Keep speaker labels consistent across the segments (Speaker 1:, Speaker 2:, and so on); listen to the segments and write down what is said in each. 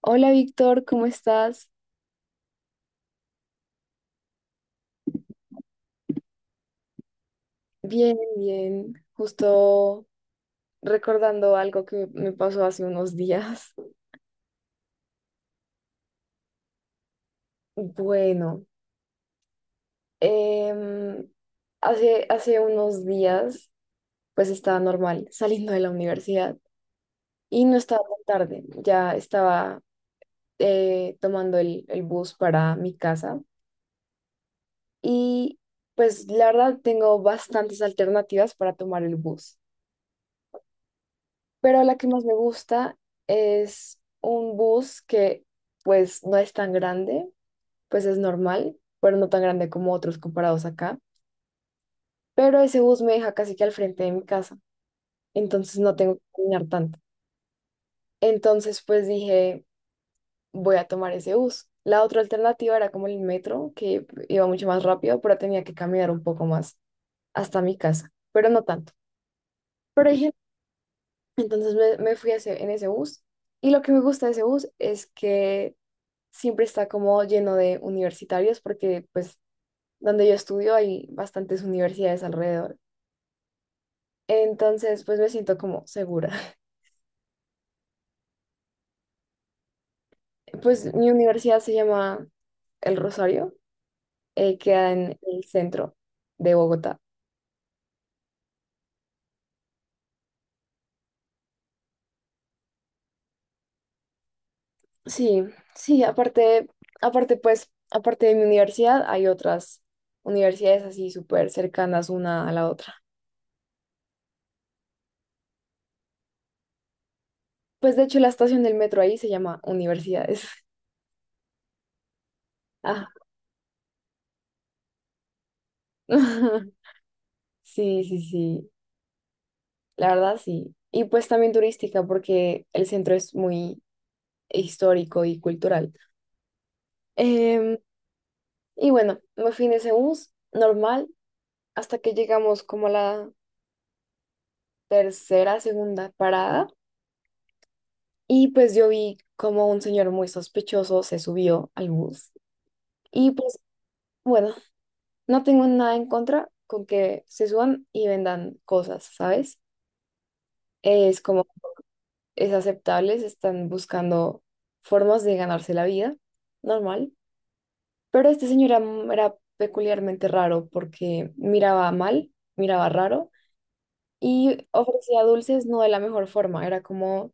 Speaker 1: Hola, Víctor, ¿cómo estás? Bien, bien. Justo recordando algo que me pasó hace unos días. Bueno, em, hace unos días pues estaba normal saliendo de la universidad y no estaba tan tarde, ya estaba tomando el bus para mi casa, y pues la verdad tengo bastantes alternativas para tomar el bus. Pero la que más me gusta es un bus que pues no es tan grande, pues es normal, pero no tan grande como otros comparados acá. Pero ese bus me deja casi que al frente de mi casa, entonces no tengo que caminar tanto. Entonces pues dije, voy a tomar ese bus. La otra alternativa era como el metro, que iba mucho más rápido, pero tenía que caminar un poco más hasta mi casa, pero no tanto. Pero dije, entonces me fui a en ese bus, y lo que me gusta de ese bus es que siempre está como lleno de universitarios, porque pues donde yo estudio hay bastantes universidades alrededor. Entonces pues me siento como segura. Pues mi universidad se llama El Rosario, queda en el centro de Bogotá. Sí, sí, aparte, aparte pues, aparte de mi universidad hay otras universidades así súper cercanas una a la otra. Pues de hecho la estación del metro ahí se llama Universidades. Ah. Sí, sí, sí. La verdad, sí. Y pues también turística, porque el centro es muy histórico y cultural. Em, y bueno, me fui en ese bus normal hasta que llegamos como a la tercera, segunda parada. Y pues yo vi como un señor muy sospechoso se subió al bus. Y pues bueno, no tengo nada en contra con que se suban y vendan cosas, ¿sabes? Es como, es aceptable, se están buscando formas de ganarse la vida, normal. Pero este señor era, era peculiarmente raro porque miraba mal, miraba raro y ofrecía dulces no de la mejor forma. Era como,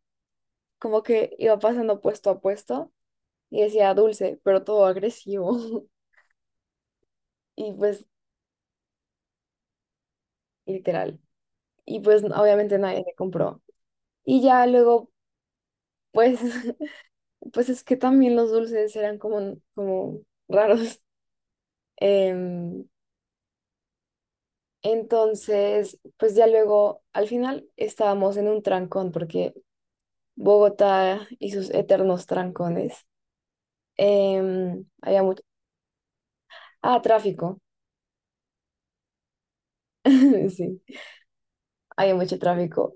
Speaker 1: como que iba pasando puesto a puesto y decía dulce, pero todo agresivo. Y pues, literal. Y pues, obviamente nadie le compró. Y ya luego, pues, pues es que también los dulces eran como, como raros. Em, entonces, pues ya luego, al final estábamos en un trancón porque Bogotá y sus eternos trancones. Em, había mucho... Ah, tráfico. Sí, había mucho tráfico.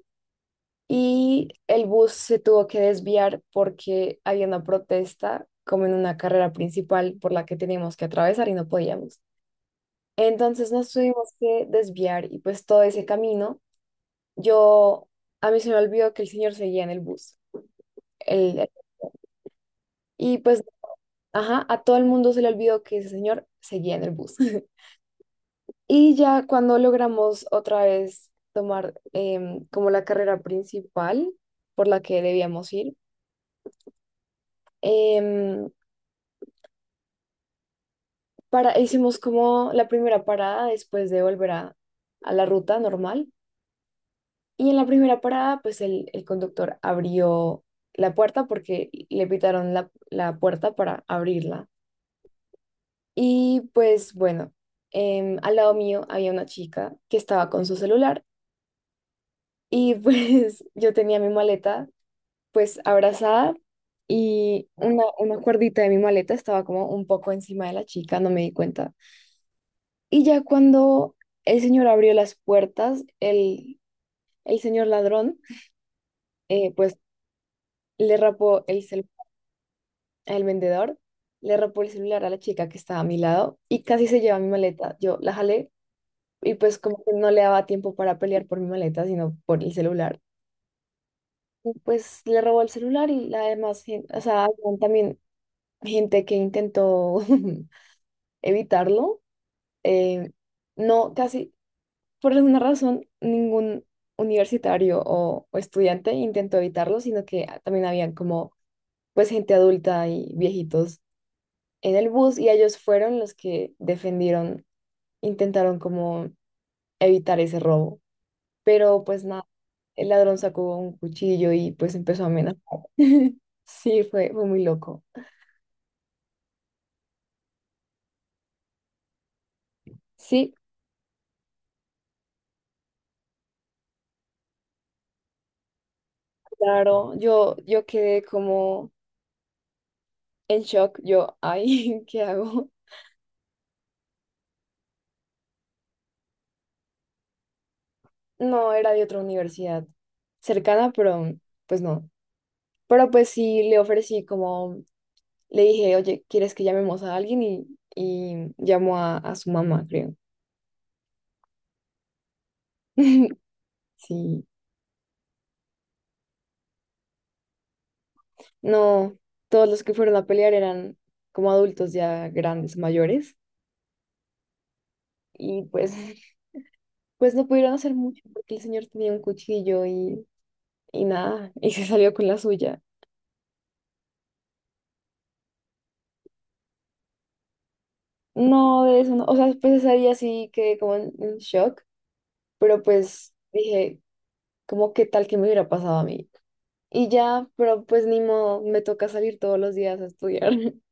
Speaker 1: Y el bus se tuvo que desviar porque había una protesta, como en una carrera principal por la que teníamos que atravesar y no podíamos. Entonces nos tuvimos que desviar y pues todo ese camino, yo, a mí se me olvidó que el señor seguía en el bus. El, el- y pues, ajá, a todo el mundo se le olvidó que ese señor seguía en el bus. Y ya cuando logramos otra vez tomar como la carrera principal por la que debíamos ir, em, para, hicimos como la primera parada después de volver a la ruta normal. Y en la primera parada, pues el conductor abrió la puerta porque le pitaron la puerta para abrirla. Y pues bueno, al lado mío había una chica que estaba con su celular, y pues yo tenía mi maleta pues abrazada y una cuerdita de mi maleta estaba como un poco encima de la chica, no me di cuenta. Y ya cuando el señor abrió las puertas, el señor ladrón, pues le rapó el cel al vendedor, le rapó el celular a la chica que estaba a mi lado y casi se lleva mi maleta. Yo la jalé y pues como que no le daba tiempo para pelear por mi maleta, sino por el celular. Y pues le robó el celular, y la demás gente, o sea, habían también gente que intentó evitarlo. eh, no, casi por alguna razón, ningún universitario o estudiante intentó evitarlo, sino que ah, también habían como pues gente adulta y viejitos en el bus, y ellos fueron los que defendieron, intentaron como evitar ese robo. Pero pues nada, el ladrón sacó un cuchillo y pues empezó a amenazar. Sí, fue muy loco. Sí, claro, yo quedé como en shock, yo, ay, ¿qué hago? No, era de otra universidad cercana, pero pues no. Pero pues sí le ofrecí como, le dije, oye, ¿quieres que llamemos a alguien? Y llamó a su mamá, creo. Sí. No, todos los que fueron a pelear eran como adultos ya grandes, mayores. Y pues, pues no pudieron hacer mucho porque el señor tenía un cuchillo y nada, y se salió con la suya. No, de eso no. O sea, pues ese día sí quedé como en shock, pero pues dije como qué tal que me hubiera pasado a mí. Y ya, pero pues ni modo, me toca salir todos los días a estudiar.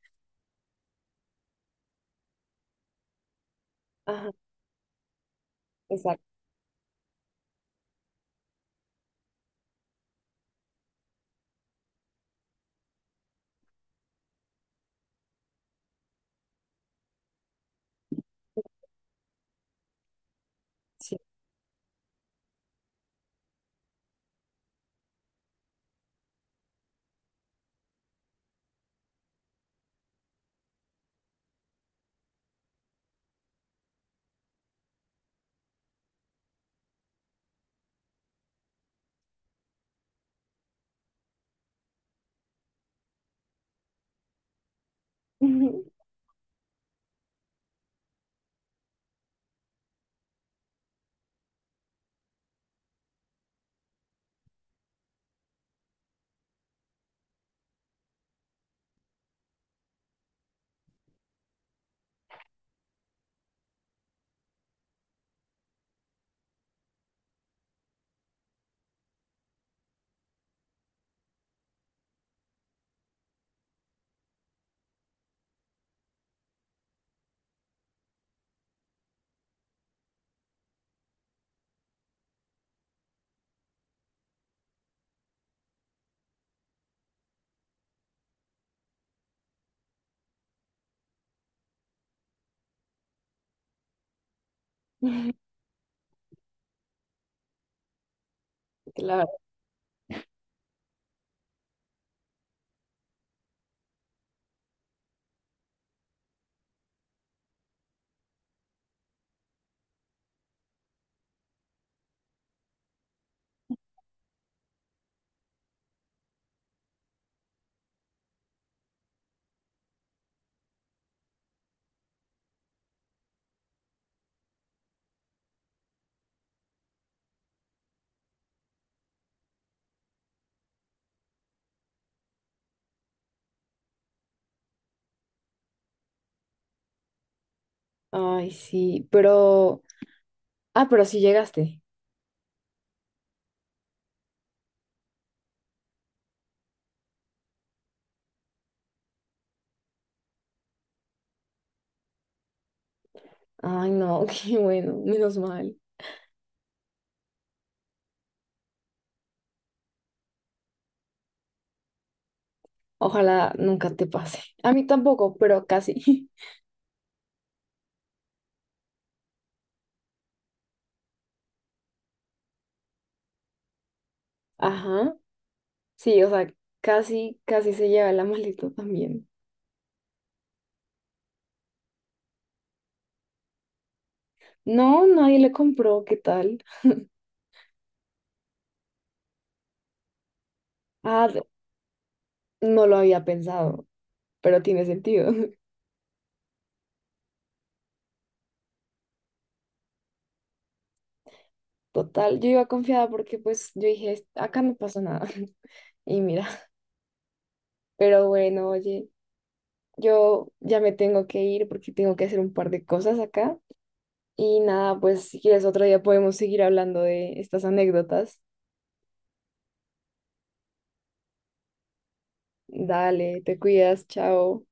Speaker 1: Ajá, exacto, sí. Claro. Ay, sí, pero... Ah, pero sí llegaste. Ay, no, qué bueno, menos mal. Ojalá nunca te pase. A mí tampoco, pero casi. Ajá, sí, o sea, casi, casi se lleva la maleta también. No, nadie le compró, ¿qué tal? Ah, no lo había pensado, pero tiene sentido. Total, yo iba confiada porque pues yo dije, "Es- acá no pasó nada." Y mira, pero bueno, oye, yo ya me tengo que ir porque tengo que hacer un par de cosas acá. Y nada, pues si quieres otro día podemos seguir hablando de estas anécdotas. Dale, te cuidas, chao.